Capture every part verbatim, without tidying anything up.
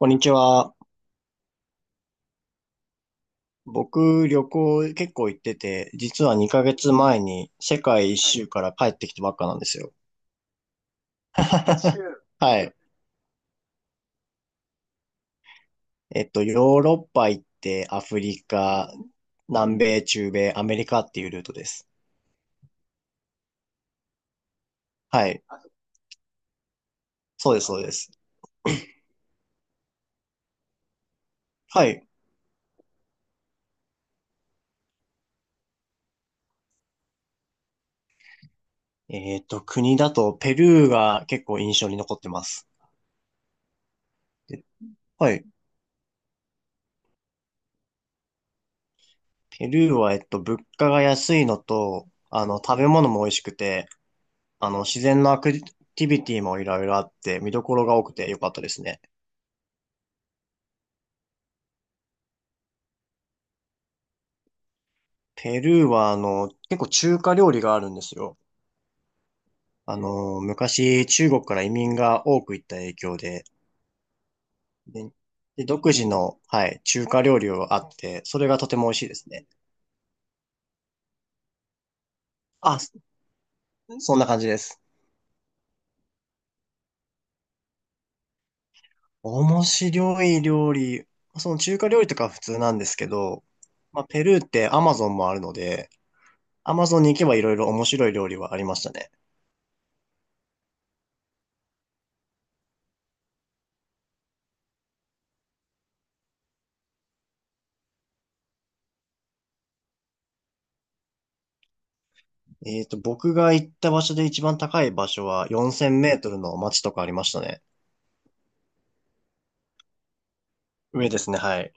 こんにちは。僕、旅行結構行ってて、実はにかげつまえに世界一はい。周から帰ってきたばっかなんですよ。いっしゅう。はい。えっと、ヨーロッパ行って、アフリカ、南米、中米、アメリカっていうルートです。はい。そうです、そうです。はい。えっと、国だとペルーが結構印象に残ってます。ではい。ペルーは、えっと、物価が安いのと、あの、食べ物も美味しくて、あの、自然のアクティビティもいろいろあって、見どころが多くてよかったですね。ペルーは、あの、結構中華料理があるんですよ。あの、昔、中国から移民が多く行った影響で、で、で独自の、はい、中華料理があって、それがとても美味しいですね。あ、そそんな感じです。面白い料理、その中華料理とかは普通なんですけど、まあ、ペルーってアマゾンもあるので、アマゾンに行けばいろいろ面白い料理はありましたね。えっと、僕が行った場所で一番高い場所はよんせんメートルの街とかありましたね。上ですね、はい。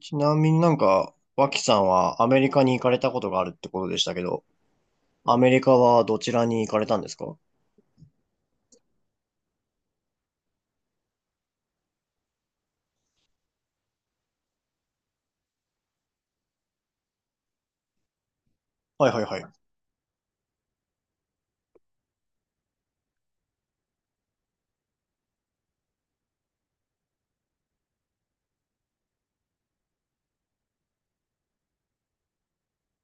ちなみになんか、脇さんはアメリカに行かれたことがあるってことでしたけど、アメリカはどちらに行かれたんですか？はいはいはい。い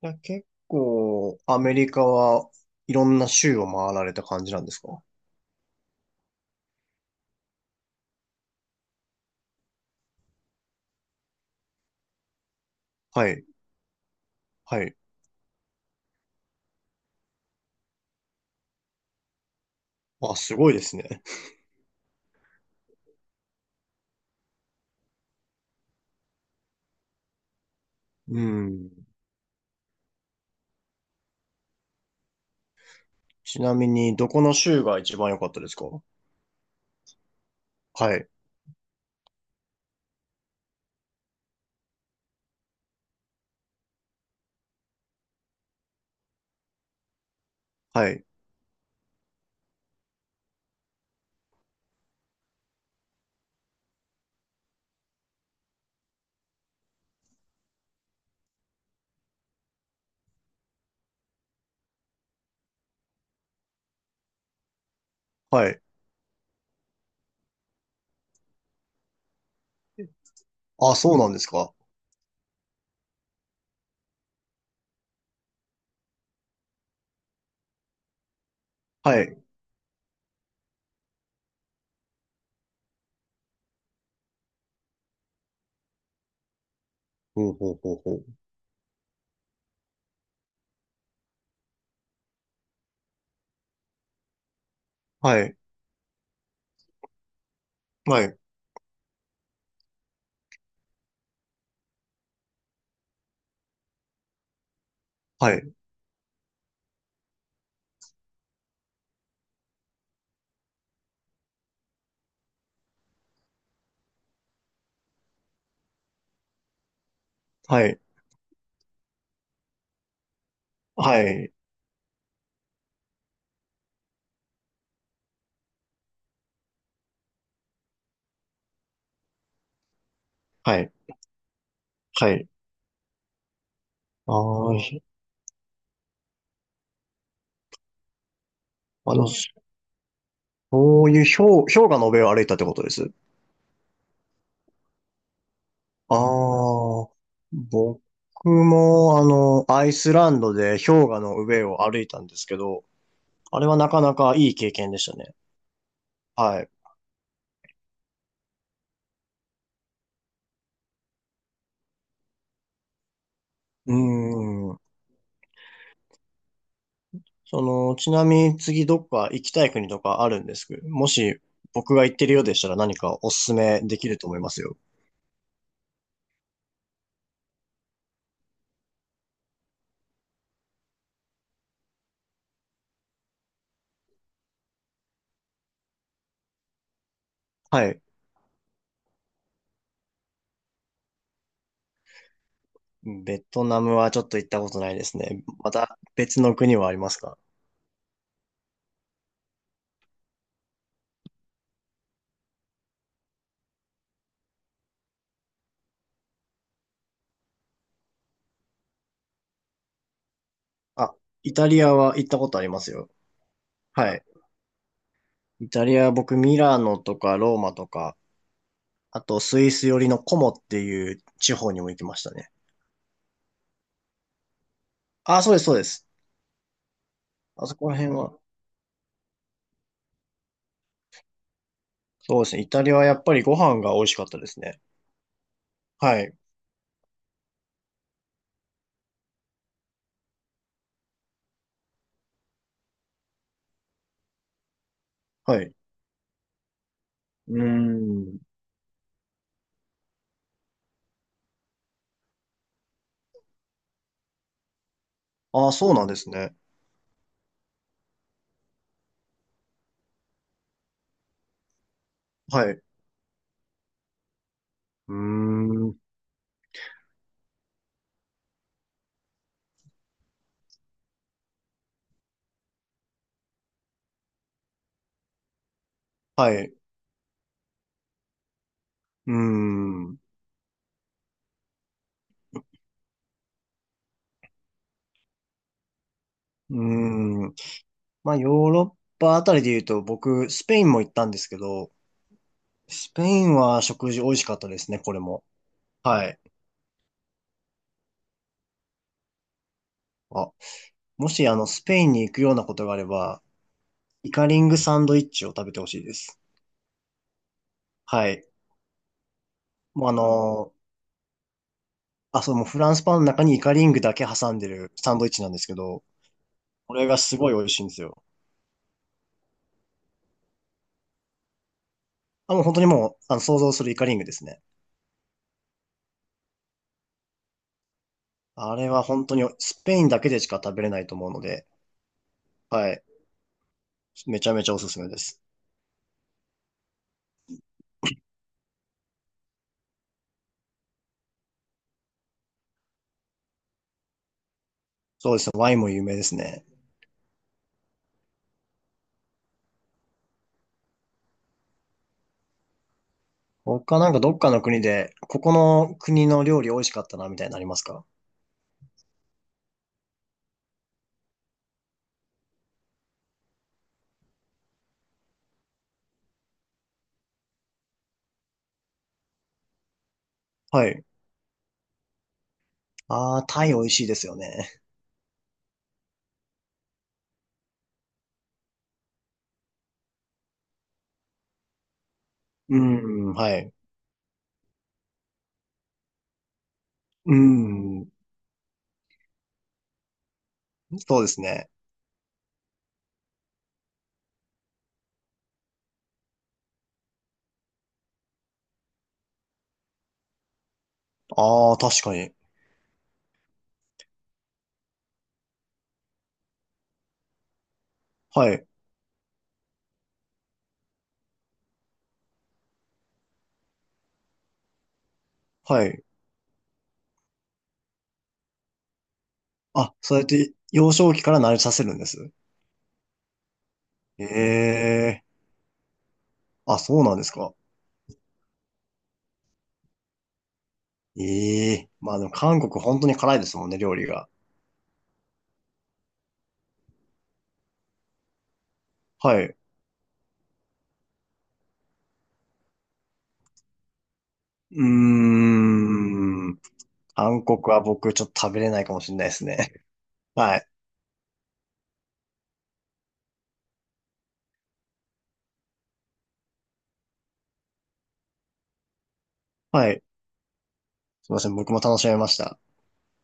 や、結構、アメリカはいろんな州を回られた感じなんですか？はい、はい。あ、すごいですね。うん。ちなみに、どこの州が一番良かったですか？はい、はい、はい。あ、そうなんですか？はい。ほうほうほうほう。はい。はい。はい。はい。はい。はい。はい。ああ、ひあの、そういう氷、氷河の上を歩いたってことです。ああ、僕も、あの、アイスランドで氷河の上を歩いたんですけど、あれはなかなかいい経験でしたね。はい。うーん。その、ちなみに次どっか行きたい国とかあるんですけど、もし僕が行ってるようでしたら何かおすすめできると思いますよ。はい。ベトナムはちょっと行ったことないですね。また別の国はありますか？あ、イタリアは行ったことありますよ。はい。イタリアは僕ミラノとかローマとか、あとスイス寄りのコモっていう地方にも行きましたね。あ、そうです、そうです。あそこら辺は。そうですね。イタリアはやっぱりご飯が美味しかったですね。はい。はい。うーん。あ、そうなんですね。はい。うーん。はい。うーん。うーん。まあ、ヨーロッパあたりで言うと、僕、スペインも行ったんですけど、スペインは食事美味しかったですね、これも。はい。あ、もし、あの、スペインに行くようなことがあれば、イカリングサンドイッチを食べてほしいです。はい。もうあのーあ、そう、もうフランスパンの中にイカリングだけ挟んでるサンドイッチなんですけど、これがすごい美味しいんですよ。あ、もう本当にもう、あの、想像するイカリングですね。あれは本当にスペインだけでしか食べれないと思うので、はい。めちゃめちゃおすすめです。そうですね。ワインも有名ですね。他なんかどっかの国で、ここの国の料理美味しかったな、みたいなのありますか？はい。ああ、タイ美味しいですよね。うん、はい。うん、そうですね。ああ、確かに。はい、はい。あ、そうやって幼少期から慣れさせるんですええ、あ、そうなんですか？ええ、まあでも韓国本当に辛いですもんね、料理が。はい。うーん。韓国は僕ちょっと食べれないかもしれないですね。はい。はい。すいません、僕も楽しめました。